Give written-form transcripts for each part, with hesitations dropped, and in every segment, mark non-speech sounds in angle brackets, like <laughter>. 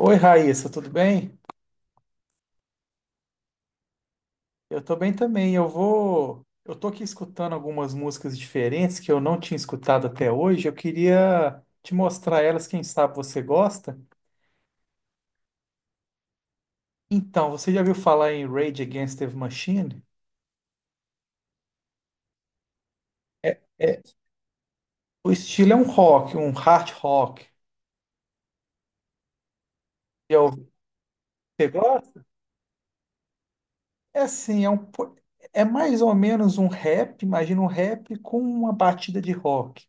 Oi, Raíssa, tudo bem? Eu tô bem também. Eu tô aqui escutando algumas músicas diferentes que eu não tinha escutado até hoje. Eu queria te mostrar elas, quem sabe você gosta. Então, você já ouviu falar em Rage Against the Machine? É, é- o estilo é um rock, um hard rock. Já ouviu? Você gosta? É assim, é um, po- É mais ou menos um rap, imagina um rap com uma batida de rock.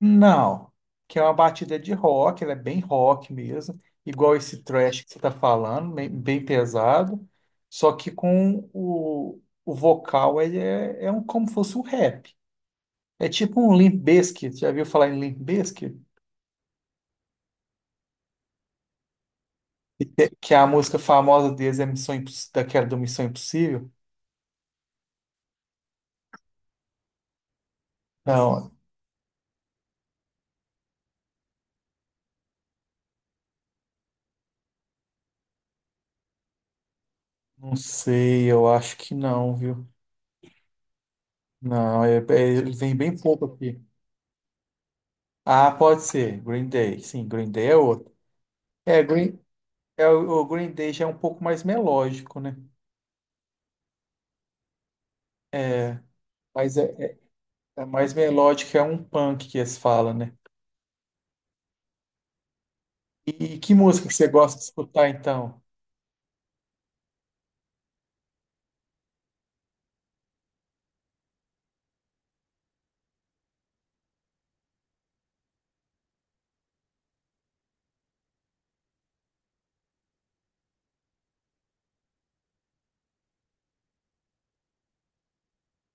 Não, que é uma batida de rock, ela é bem rock mesmo, igual esse thrash que você está falando, bem, bem pesado, só que com o vocal ele é, é um, como se fosse um rap. É tipo um Limp Bizkit, já viu falar em Limp Bizkit? Que a música famosa deles é daquela do Missão Impossível? Não, não sei, eu acho que não, viu? Não, ele vem bem pouco aqui. Ah, pode ser, Green Day, sim, Green Day é outro. É, Green, É, o Green Day já é um pouco mais melódico, né? É, mas é, é- É mais melódico, é um punk que eles falam, né? E que música que você gosta de escutar, então?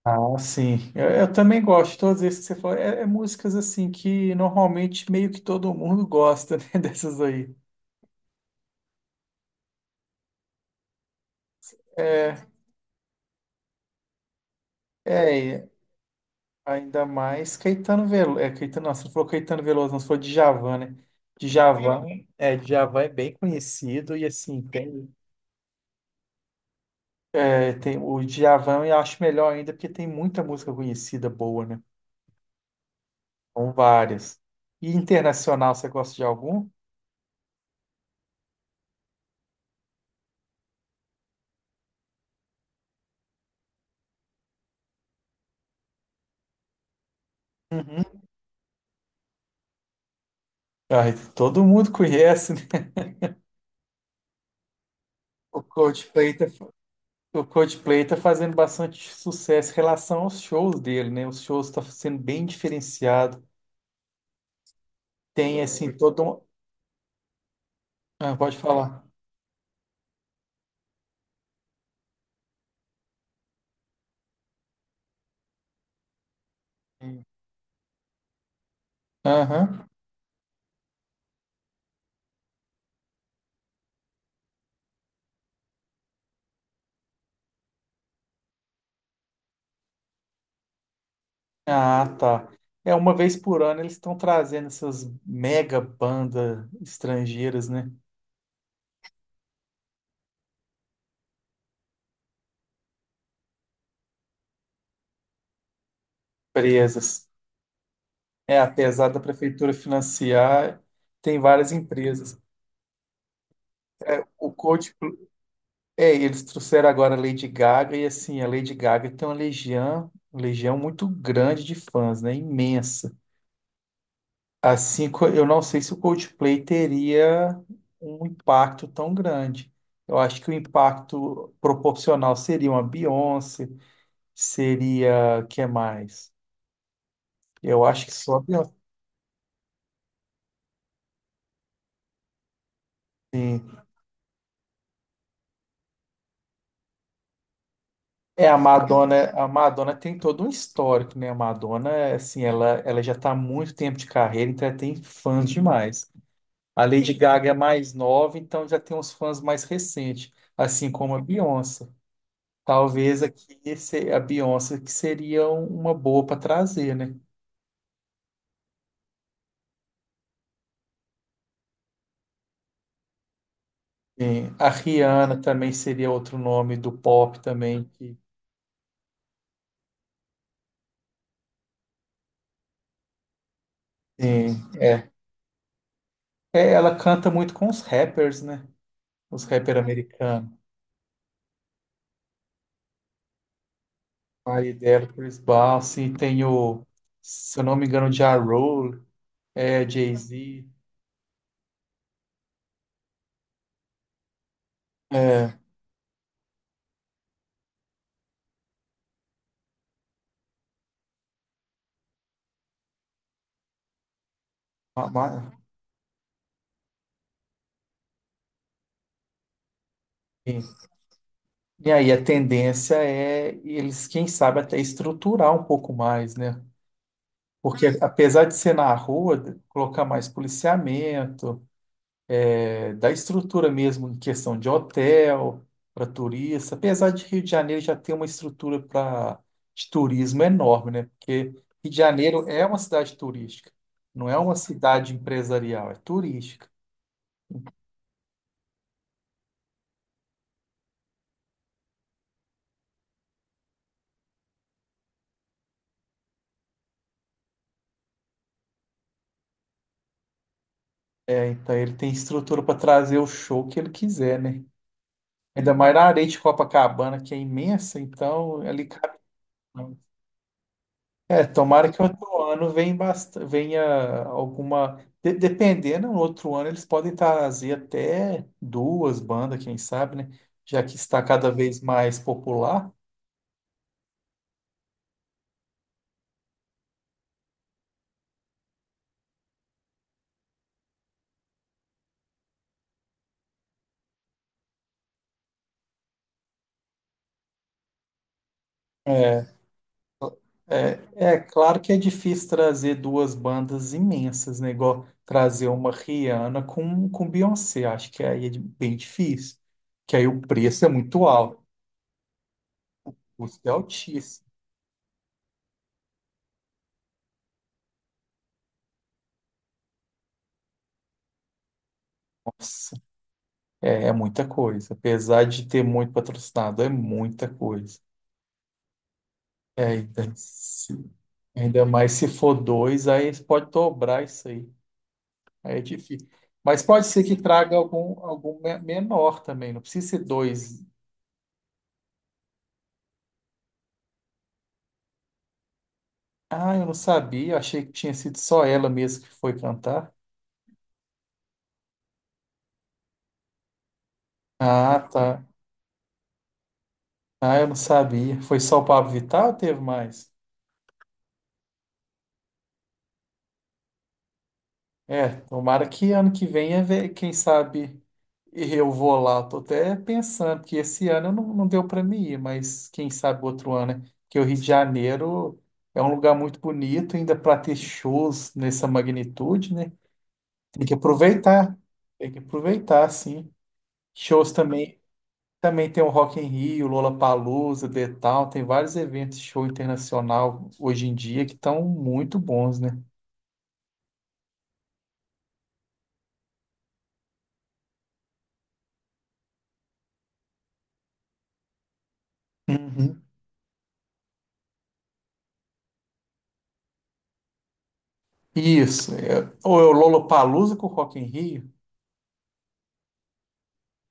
Ah, sim. Eu também gosto de todos esses que você falou. Músicas, assim, que normalmente meio que todo mundo gosta, né? <laughs> Dessas aí. É, e ainda mais Caetano Veloso. É, Caetano, nossa, não falou Caetano Veloso, não, você falou Djavan, né? Djavan, Djavan é bem conhecido e, assim, tem. É, tem o Djavan eu acho melhor ainda porque tem muita música conhecida boa, né? São várias. E internacional, você gosta de algum? Uhum. Ai, todo mundo conhece, né? O Coldplay tá, o Coldplay tá fazendo bastante sucesso em relação aos shows dele, né? Os shows estão sendo bem diferenciado. Tem, assim, todo um... Ah, pode falar. Aham. Ah, tá. É, uma vez por ano eles estão trazendo essas mega bandas estrangeiras, né? Presas. É, apesar da prefeitura financiar, tem várias empresas. O Coldplay, é, eles trouxeram agora a Lady Gaga e assim, a Lady Gaga tem uma legião, legião muito grande de fãs, né? Imensa. Assim, eu não sei se o Coldplay teria um impacto tão grande. Eu acho que o impacto proporcional seria uma Beyoncé, seria, que mais? Eu acho que só a Beyoncé. É, a Madonna tem todo um histórico, né? A Madonna, assim, ela já está há muito tempo de carreira, então ela tem fãs demais. A Lady Sim. Gaga é mais nova, então já tem uns fãs mais recentes, assim como a Beyoncé. Talvez aqui a Beyoncé que seria um, uma boa para trazer, né? Sim. A Rihanna também seria outro nome do pop também. Que, sim, é. É, ela canta muito com os rappers, né? Os rappers americanos. Aí dela, Chris Bosh, tem o, se eu não me engano, Ja Rule, é, Jay-Z. É, ma- ma- enfim. E aí a tendência é eles, quem sabe, até estruturar um pouco mais, né? Porque apesar de ser na rua, colocar mais policiamento, é, da estrutura mesmo, em questão de hotel, para turista, apesar de Rio de Janeiro já ter uma estrutura para de turismo enorme, né? Porque Rio de Janeiro é uma cidade turística, não é uma cidade empresarial, é turística. É, então ele tem estrutura para trazer o show que ele quiser, né? Ainda mais na areia de Copacabana, que é imensa, então é ali cabe. É, tomara que outro ano venha, venha alguma. Dependendo, no outro ano eles podem trazer até duas bandas, quem sabe, né? Já que está cada vez mais popular. É, é claro que é difícil trazer duas bandas imensas, né? Igual trazer uma Rihanna com Beyoncé. Acho que aí é bem difícil. Que aí o preço é muito alto. O custo é altíssimo. Nossa, é muita coisa. Apesar de ter muito patrocinado, é muita coisa. É, então, se- ainda mais se for dois, aí eles podem dobrar isso aí. Aí é difícil. Mas pode ser que traga algum, menor também, não precisa ser dois. Ah, eu não sabia, eu achei que tinha sido só ela mesmo que foi cantar. Ah, tá. Ah, eu não sabia. Foi só o Pablo Vittar ou teve mais? É, tomara que ano que vem, quem sabe, eu vou lá. Tô até pensando, que esse ano não, não deu para mim ir, mas quem sabe outro ano, né? Porque o Rio de Janeiro é um lugar muito bonito, ainda para ter shows nessa magnitude, né? Tem que aproveitar, tem que aproveitar, sim. Shows também, também tem o Rock in Rio, Lollapalooza, The Town, tem vários eventos de show internacional hoje em dia que estão muito bons, né? Uhum. Isso. Ou é o Lollapalooza com o Rock in Rio?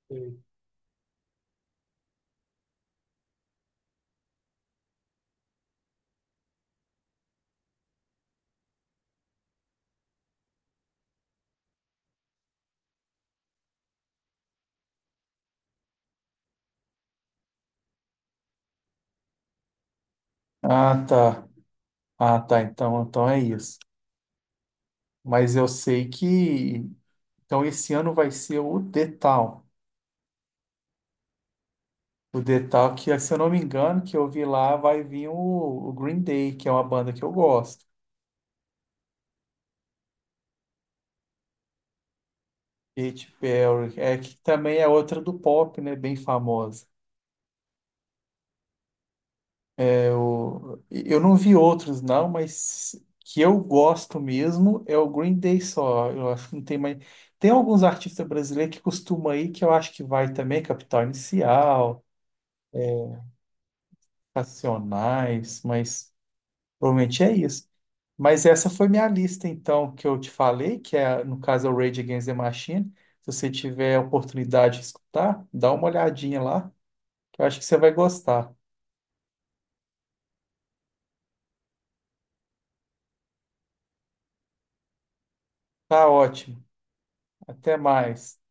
Sim. Ah, tá. Ah, tá. Então, então é isso. Mas eu sei que. Então, esse ano vai ser o The Town. O The Town, que, se eu não me engano, que eu vi lá, vai vir o Green Day, que é uma banda que eu gosto. Katy Perry, é, que também é outra do pop, né? Bem famosa. Eu não vi outros, não, mas que eu gosto mesmo é o Green Day só. Eu acho que não tem mais. Tem alguns artistas brasileiros que costumam aí que eu acho que vai também, Capital Inicial, Racionais, mas provavelmente é isso. Mas essa foi minha lista, então, que eu te falei, que é, no caso, é o Rage Against the Machine. Se você tiver a oportunidade de escutar, dá uma olhadinha lá, que eu acho que você vai gostar. Tá ótimo. Até mais.